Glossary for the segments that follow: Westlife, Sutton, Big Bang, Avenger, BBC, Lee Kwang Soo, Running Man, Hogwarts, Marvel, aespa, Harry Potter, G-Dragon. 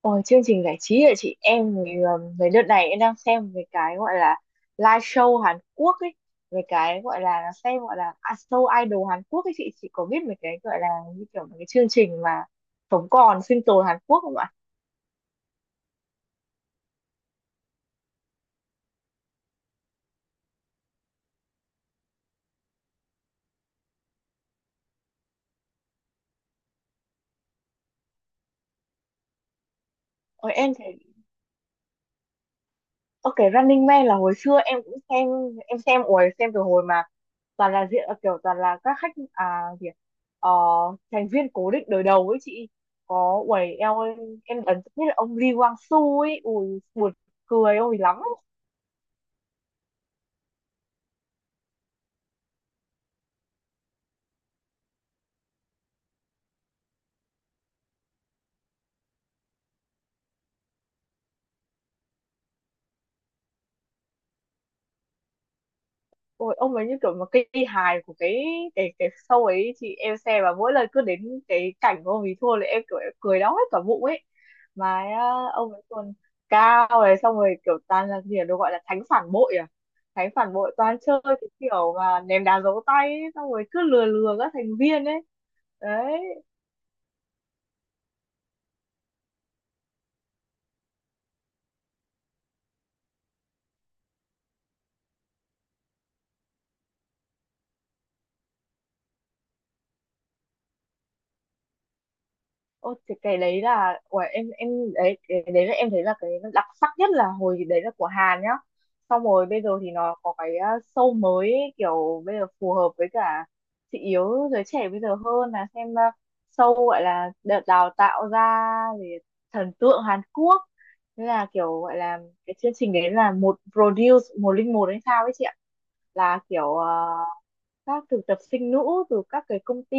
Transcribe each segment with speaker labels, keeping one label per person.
Speaker 1: Ôi, chương trình giải trí hả chị? Em người người đợt này em đang xem về cái gọi là live show Hàn Quốc ấy, về cái gọi là xem gọi là à, show idol Hàn Quốc ấy. Chị có biết về cái gọi là như kiểu một cái chương trình mà sống còn sinh tồn Hàn Quốc không ạ? Ôi em thì ok, Running Man là hồi xưa em cũng xem. Em xem ôi xem từ hồi mà toàn là diện kiểu toàn là các khách à gì ạ? Ờ, thành viên cố định đời đầu ấy chị có. Uầy eo ơi, em ấn tượng nhất là ông Lee Kwang Soo ấy, ui buồn cười ôi lắm. Ôi ông ấy như kiểu một cây hài của cái show ấy chị, em xem và mỗi lần cứ đến cái cảnh của ông ấy thua là em kiểu em cười đau hết cả bụng ấy. Mà á, ông ấy còn cao này, xong rồi kiểu toàn là gì ạ? Nó gọi là thánh phản bội à, thánh phản bội toàn chơi cái kiểu mà ném đá giấu tay ấy, xong rồi cứ lừa lừa các thành viên ấy đấy. Ô thì cái đấy là của em đấy, cái đấy là em thấy là cái đặc sắc nhất là hồi đấy là của Hàn nhá. Xong rồi bây giờ thì nó có cái show mới ấy, kiểu bây giờ phù hợp với cả thị hiếu giới trẻ bây giờ hơn là xem show gọi là đợt đào tạo ra về thần tượng Hàn Quốc. Thế là kiểu gọi là cái chương trình đấy là một produce 101 hay sao ấy chị ạ, là kiểu à, các thực tập sinh nữ từ các cái công ty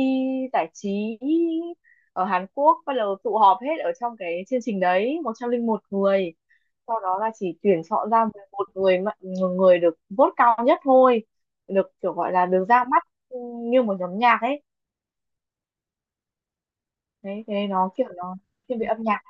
Speaker 1: giải trí ở Hàn Quốc bắt đầu tụ họp hết ở trong cái chương trình đấy 101 người, sau đó là chỉ tuyển chọn ra 11 người mà- người được vote cao nhất thôi, được kiểu gọi là được ra mắt như một nhóm nhạc ấy. Đấy cái nên nó kiểu nó thiên về âm nhạc.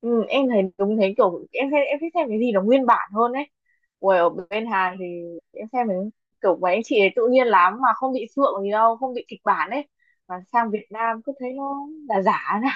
Speaker 1: Ừ, em thấy đúng thế, kiểu em thấy em thích xem cái gì nó nguyên bản hơn ấy. Ui, ở bên Hàn thì em xem cái kiểu mấy anh chị ấy tự nhiên lắm mà không bị sượng gì đâu, không bị kịch bản ấy, mà sang Việt Nam cứ thấy nó là giả ra.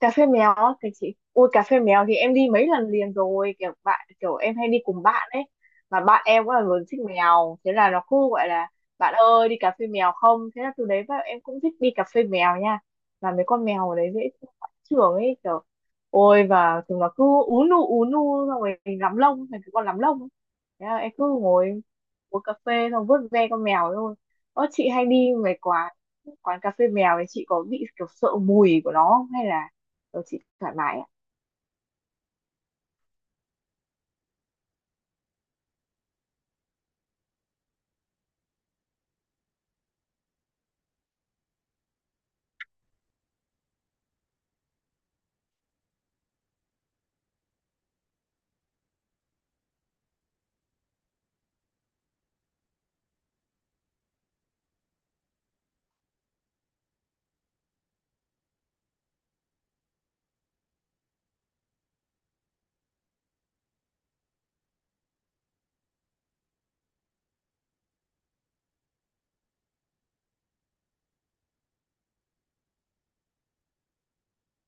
Speaker 1: Cà phê méo á, cái chị ôi cà phê mèo thì em đi mấy lần liền rồi, kiểu bạn kiểu em hay đi cùng bạn ấy. Mà bạn em cũng là người thích mèo thế là nó cứ gọi là bạn ơi đi cà phê mèo không, thế là từ đấy vào em cũng thích đi cà phê mèo nha. Và mấy con mèo ở đấy dễ trưởng ấy kiểu, ôi và chúng nó cứ ú nu xong rồi mình lắm lông thành cái con lắm lông ấy. Thế là em cứ ngồi uống cà phê xong vuốt ve con mèo thôi. Ơ chị hay đi mấy quán quán cà phê mèo thì chị có bị kiểu sợ mùi của nó không? Hay là... Ờ, chị thoải mái ạ.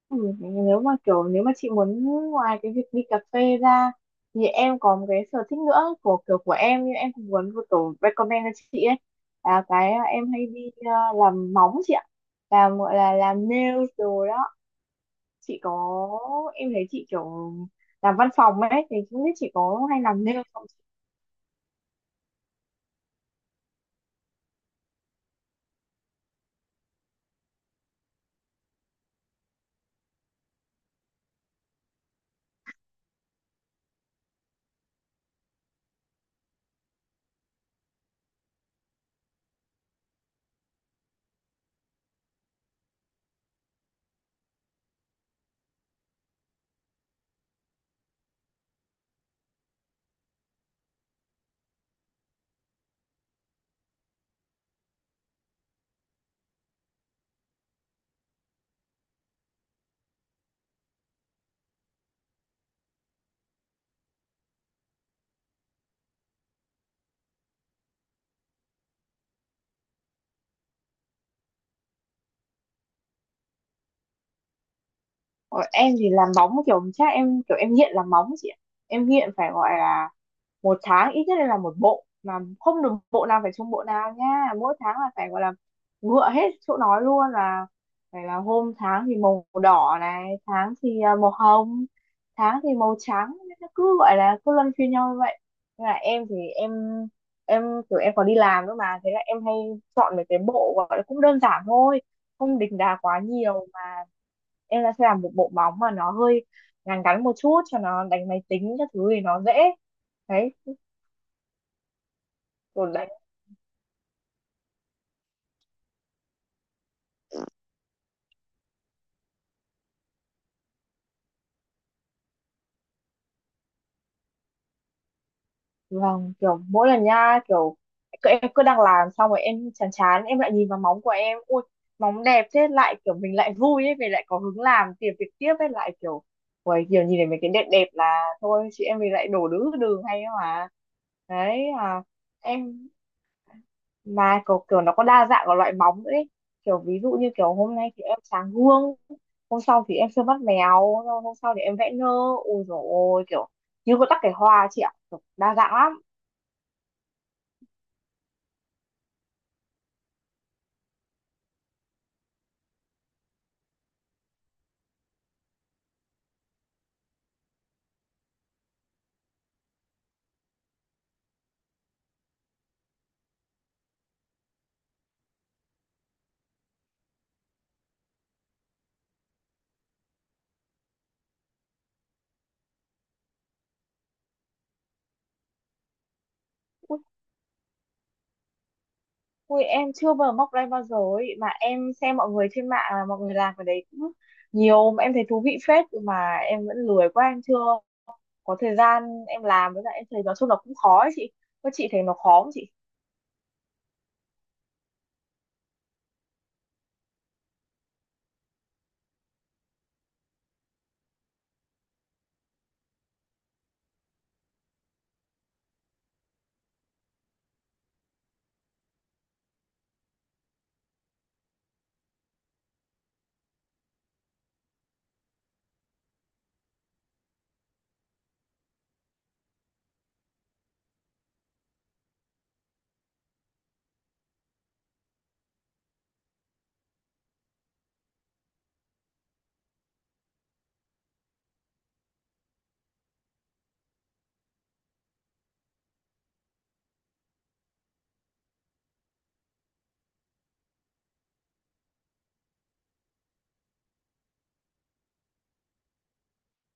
Speaker 1: Ừ, nếu mà kiểu nếu mà chị muốn ngoài cái việc đi cà phê ra thì em có một cái sở thích nữa của kiểu của em, nhưng em cũng muốn một tổ recommend cho chị ấy, là cái à, em hay đi làm móng chị ạ, làm gọi là làm nails rồi đó. Chị có, em thấy chị kiểu làm văn phòng ấy thì không biết chị có hay làm nails không. Ờ, em thì làm móng kiểu chắc em kiểu em nghiện làm móng chị ạ. Em nghiện phải gọi là một tháng ít nhất là một bộ, mà không được bộ nào phải chung bộ nào nha, mỗi tháng là phải gọi là ngựa hết chỗ nói luôn, là phải là hôm tháng thì màu đỏ này, tháng thì màu hồng, tháng thì màu trắng, nó cứ gọi là cứ luân phiên nhau như vậy. Nên là em thì em kiểu em còn đi làm nữa mà, thế là em hay chọn mấy cái bộ gọi là cũng đơn giản thôi, không đỉnh đà quá nhiều mà. Em là sẽ làm một bộ móng mà nó hơi ngắn ngắn một chút cho nó đánh máy tính các thứ thì nó dễ đấy, kiểu đánh. Vâng, kiểu mỗi lần nha kiểu cứ- em cứ đang làm xong rồi em chán chán em lại nhìn vào móng của em, ui móng đẹp thế lại kiểu mình lại vui ấy, mình lại có hứng làm tìm việc tiếp ấy, lại kiểu ui kiểu nhìn thấy mấy cái đẹp đẹp là thôi chị em mình lại đổ đứa đường hay ấy mà. Đấy à, em mà kiểu, kiểu nó có đa dạng của loại móng nữa ấy. Kiểu ví dụ như kiểu hôm nay thì em sáng gương, hôm sau thì em sơn mắt mèo, rồi hôm sau thì em vẽ nơ, ôi dồi ôi kiểu như có tắc kẻ hoa chị ạ, kiểu đa dạng lắm. Ui, ui em chưa bao giờ móc ra bao giờ ấy mà, em xem mọi người trên mạng là mọi người làm cái đấy cũng nhiều mà em thấy thú vị phết, mà em vẫn lười quá em chưa có thời gian em làm, với lại em thấy nói chung là cũng khó ấy chị có, chị thấy nó khó không chị?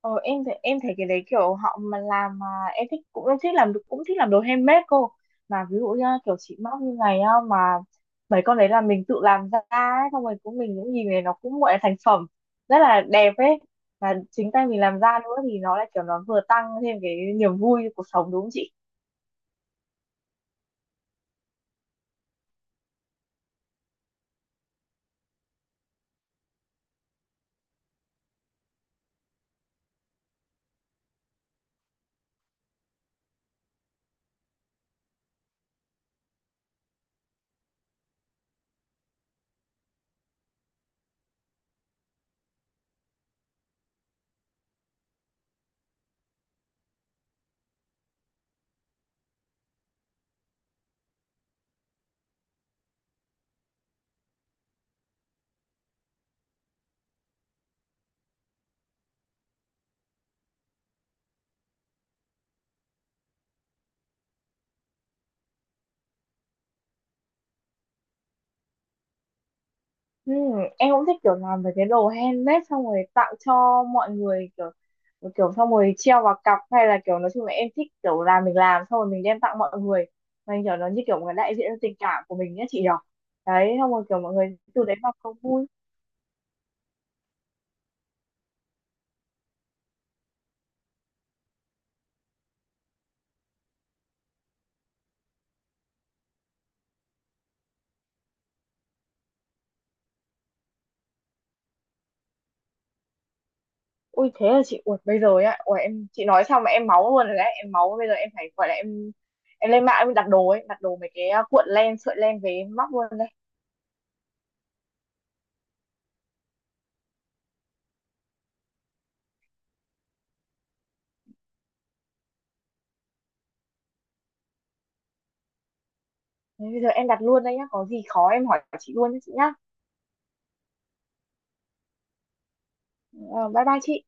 Speaker 1: Ờ, em thấy cái đấy kiểu họ mà làm mà em thích cũng em thích làm, cũng thích làm đồ handmade cô, mà ví dụ như kiểu chị móc như này á, mà mấy con đấy là mình tự làm ra ấy, xong rồi cũng mình cũng nhìn này nó cũng gọi là thành phẩm rất là đẹp ấy, và chính tay mình làm ra nữa thì nó lại kiểu nó vừa tăng thêm cái niềm vui cho cuộc sống đúng không chị? Ừ, em cũng thích kiểu làm về cái đồ handmade xong rồi tặng cho mọi người, kiểu kiểu xong rồi treo vào cặp hay là kiểu nói chung là em thích kiểu làm mình làm xong rồi mình đem tặng mọi người, mình kiểu nó như kiểu một cái đại diện cho tình cảm của mình nhé chị nhỉ. Đấy, xong rồi kiểu mọi người từ đấy mà không vui. Ui thế là chị uột bây giờ á, ui em chị nói xong mà em máu luôn rồi đấy, em máu bây giờ em phải gọi là em lên mạng em đặt đồ ấy, đặt đồ mấy cái cuộn len sợi len về em móc luôn đây. Thế bây giờ em đặt luôn đây nhá, có gì khó em hỏi chị luôn nhé chị nhá. Ờ, bye bye chị.